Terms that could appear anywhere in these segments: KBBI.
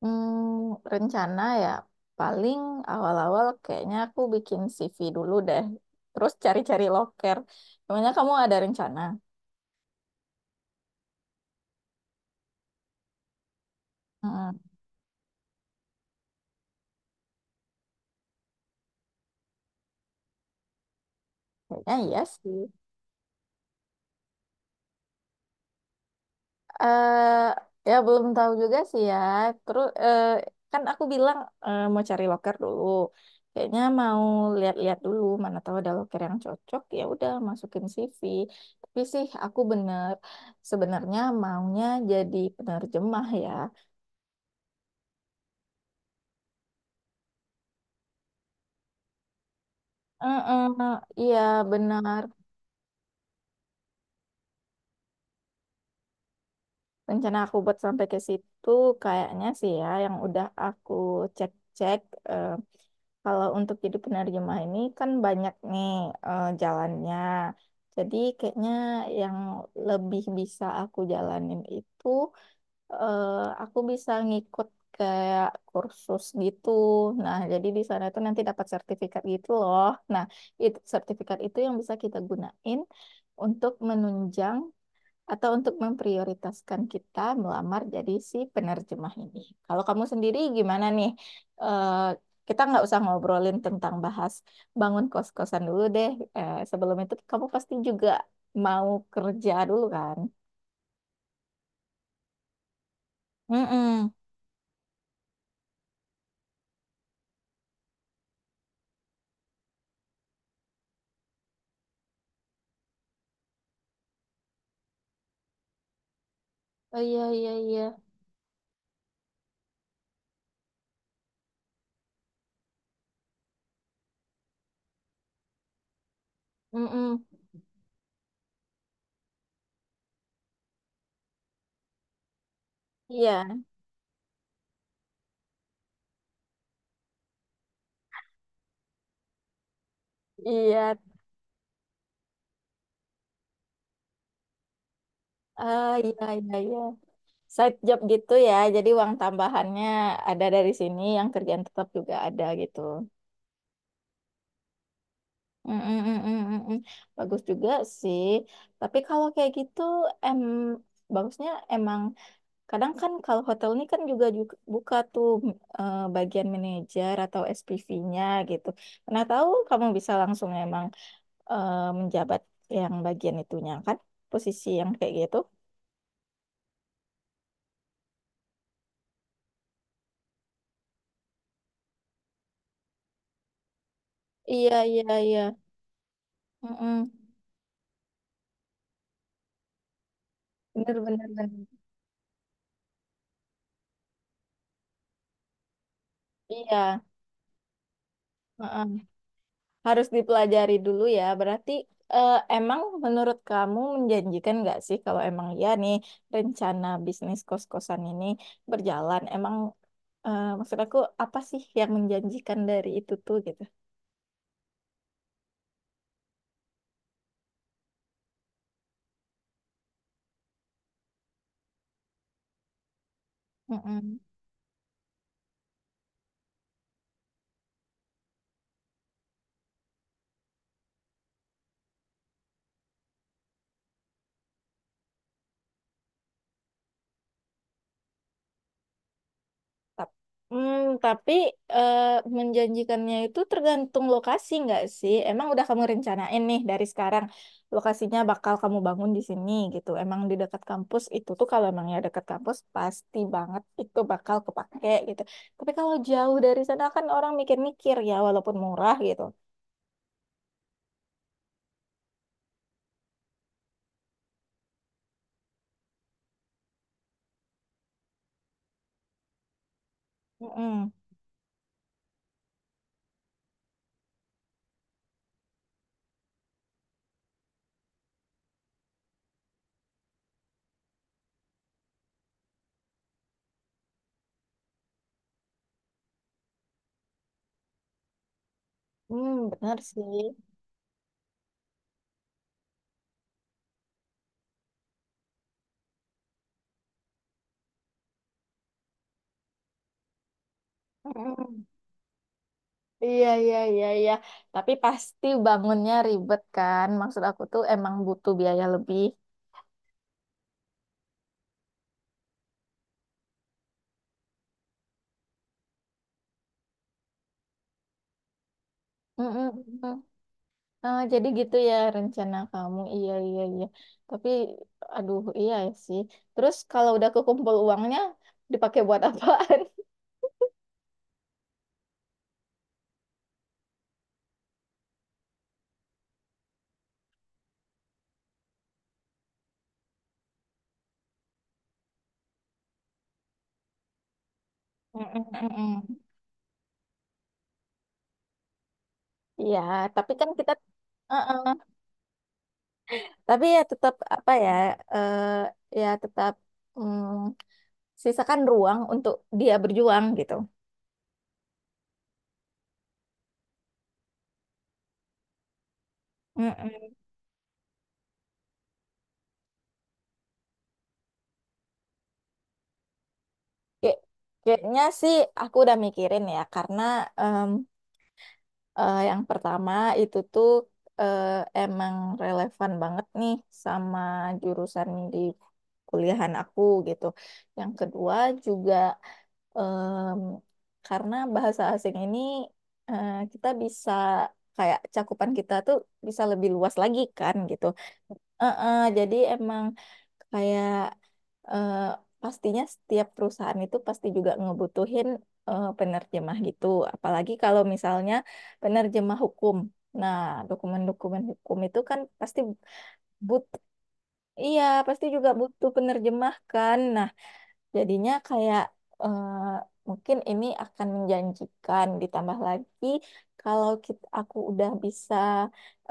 Rencana ya paling awal-awal kayaknya aku bikin CV dulu deh. Terus cari-cari loker. Namanya kamu ada rencana? Hmm, kayaknya iya sih. eh ya belum tahu juga sih ya. Terus kan aku bilang mau cari loker dulu. Kayaknya mau lihat-lihat dulu mana tahu ada loker yang cocok. Ya udah masukin CV. Tapi sih aku bener sebenarnya maunya jadi penerjemah ya. Heeh, iya benar. Rencana aku buat sampai ke situ kayaknya sih ya yang udah aku cek-cek, eh, kalau untuk jadi penerjemah ini kan banyak nih jalannya. Jadi kayaknya yang lebih bisa aku jalanin itu eh, aku bisa ngikut kayak kursus gitu. Nah, jadi di sana itu nanti dapat sertifikat gitu loh. Nah, itu sertifikat itu yang bisa kita gunain untuk menunjang atau untuk memprioritaskan kita melamar jadi si penerjemah ini. Kalau kamu sendiri gimana nih? Eh, kita nggak usah ngobrolin tentang bahas bangun kos-kosan dulu deh. Sebelum itu kamu pasti juga mau kerja dulu kan? Mm-mm. Oh, iya, iya, iya. Mm-mm. Iya, iya. Ah, iya, iya, iya. Side job gitu ya. Jadi uang tambahannya ada dari sini, yang kerjaan tetap juga ada gitu. Mm, mm, mm, mm, mm, mm. Bagus juga sih. Tapi kalau kayak gitu, em bagusnya emang kadang kan kalau hotel ini kan juga buka tuh, bagian manajer atau SPV-nya gitu. Nah, tahu kamu bisa langsung emang menjabat yang bagian itunya kan, posisi yang kayak gitu. Iya, iya, iya. Mm, mm. Bener, bener, bener. Iya. Harus dipelajari dulu ya. Berarti, emang menurut kamu menjanjikan nggak sih kalau emang ya nih rencana bisnis kos-kosan ini berjalan? Emang, maksud aku apa sih yang menjanjikan dari itu tuh gitu? Mm-mm. Tap- tapi eh, menjanjikannya itu tergantung lokasi nggak sih? Emang udah kamu rencanain nih dari sekarang lokasinya bakal kamu bangun di sini gitu. Emang di dekat kampus itu tuh kalau emang ya dekat kampus pasti banget itu bakal kepake gitu. Tapi kalau jauh dari sana kan orang mikir-mikir ya walaupun murah gitu. Mm-mm. Benar sih. Mm-mm. Iya, iya, iya, iya. Tapi pasti bangunnya ribet kan. Maksud aku tuh emang butuh biaya lebih. Mm-mm. Ah, jadi gitu ya rencana kamu. Iya, iya, iya. Tapi, aduh, iya sih. Terus kalau udah kekumpul uangnya, dipakai buat apaan? Mm-mm-mm. Iya, tapi kan kita, uh-uh. Tapi ya tetap apa ya, eh ya tetap, mm, sisakan ruang untuk dia berjuang gitu. Mm-mm. Kayak- Kayaknya sih aku udah mikirin ya, karena yang pertama itu tuh, eh, emang relevan banget nih sama jurusan di kuliahan aku gitu. Yang kedua juga, em, karena bahasa asing ini kita bisa kayak cakupan kita tuh bisa lebih luas lagi kan gitu. Jadi emang kayak, eh, pastinya setiap perusahaan itu pasti juga ngebutuhin, penerjemah gitu. Apalagi kalau misalnya penerjemah hukum. Nah, dokumen-dokumen hukum itu kan pasti, but, iya pasti juga butuh penerjemah kan. Nah, jadinya kayak, eh, mungkin ini akan menjanjikan ditambah lagi kalau kita, aku udah bisa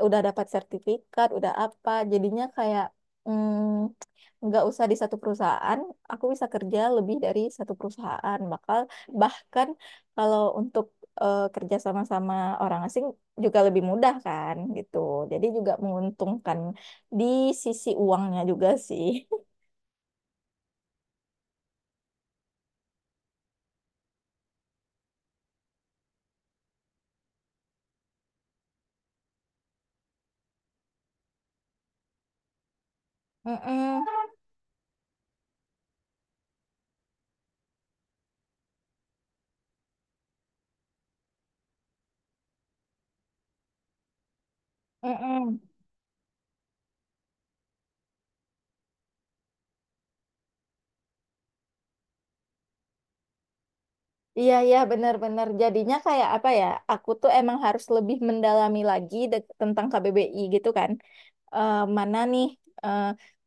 udah dapat sertifikat, udah apa, jadinya kayak, mm, nggak usah di satu perusahaan, aku bisa kerja lebih dari satu perusahaan. Bakal bahkan kalau untuk, kerja sama-sama orang asing juga lebih mudah kan gitu. Jadi juga menguntungkan di sisi uangnya juga sih. Mm-mm, mm-mm. Iya, iya, benar-benar. Jadinya kayak apa ya? Aku tuh emang harus lebih mendalami lagi tentang KBBI gitu kan. Mana nih, eh,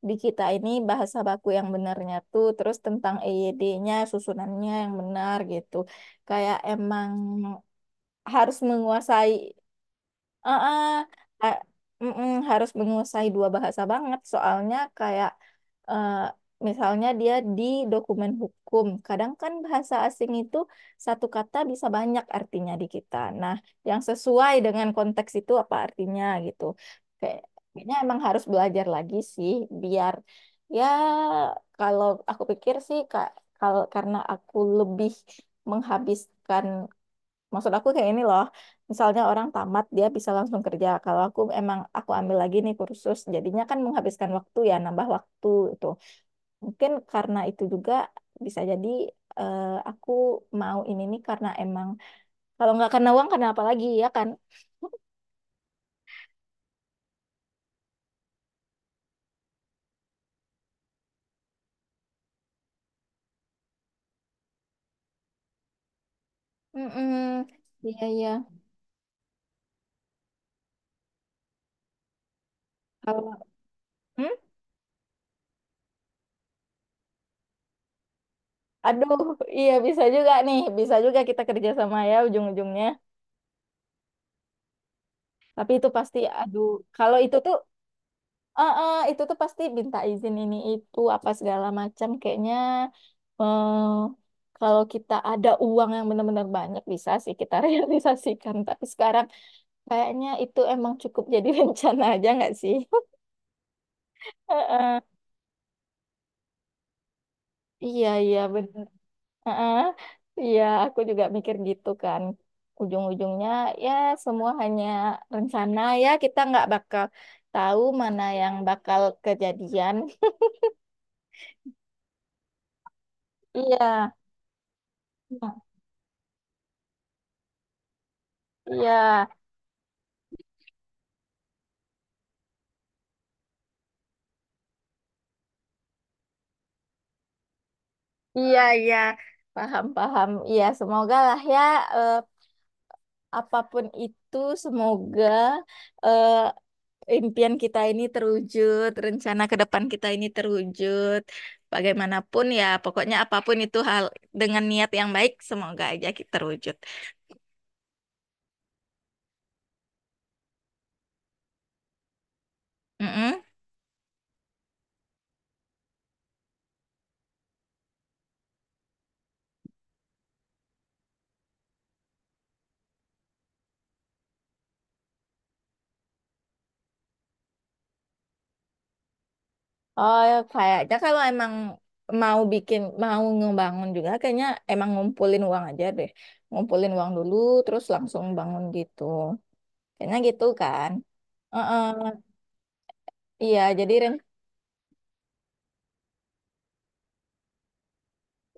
di kita ini bahasa baku yang benarnya tuh, terus tentang EYD-nya, susunannya yang benar gitu. Kayak emang harus menguasai. Heeh, ha- mm-mm. Harus menguasai dua bahasa banget. Soalnya kayak, eh, misalnya dia di dokumen hukum. Kadang kan bahasa asing itu satu kata bisa banyak artinya di kita. Nah, yang sesuai dengan konteks itu apa artinya gitu. Kayak- Kayaknya emang harus belajar lagi sih biar ya kalau aku pikir sih, Kak, kalau karena aku lebih menghabiskan. Maksud aku kayak ini loh, misalnya orang tamat dia bisa langsung kerja. Kalau aku emang aku ambil lagi nih kursus, jadinya kan menghabiskan waktu ya, nambah waktu itu. Mungkin karena itu juga bisa jadi, eh, aku mau ini nih karena emang kalau nggak karena uang karena apa lagi ya kan? Mm-mm. Iya, iya. Kalau hmm? Aduh, iya bisa juga nih, bisa juga kita kerja sama ya ujung-ujungnya. Tapi itu pasti, aduh, kalau itu tuh itu tuh pasti minta izin ini itu apa segala macam kayaknya, eh, kalau kita ada uang yang benar-benar banyak bisa sih kita realisasikan, tapi sekarang kayaknya itu emang cukup jadi rencana aja nggak sih. Eh, eh. Iya, iya, benar. Eh, eh. Iya, aku juga mikir gitu kan ujung-ujungnya ya semua hanya rencana ya kita nggak bakal tahu mana yang bakal kejadian. Iya. Nah, iya. Iya, iya, paham, paham. Iya, semoga lah ya, eh, apapun itu, semoga, eh, impian kita ini terwujud, rencana ke depan kita ini terwujud. Bagaimanapun ya, pokoknya apapun itu hal dengan niat yang baik, semoga aja kita terwujud. Mm-mm. Oh, ya, kayaknya kalau emang mau bikin, mau ngebangun juga, kayaknya emang ngumpulin uang aja deh. Ngumpulin uang dulu, terus langsung bangun gitu. Kayaknya gitu kan. Heeh. Iya, jadi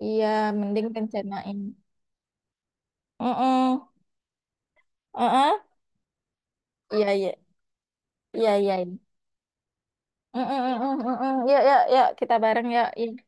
iya mending rencanain. Mm-mm. Uh-uh. Iya, iya, iya, iya, iya. Mm-mm, mm-mm, mm-mm. Yuk, yuk, yuk, kita bareng yuk. Iya.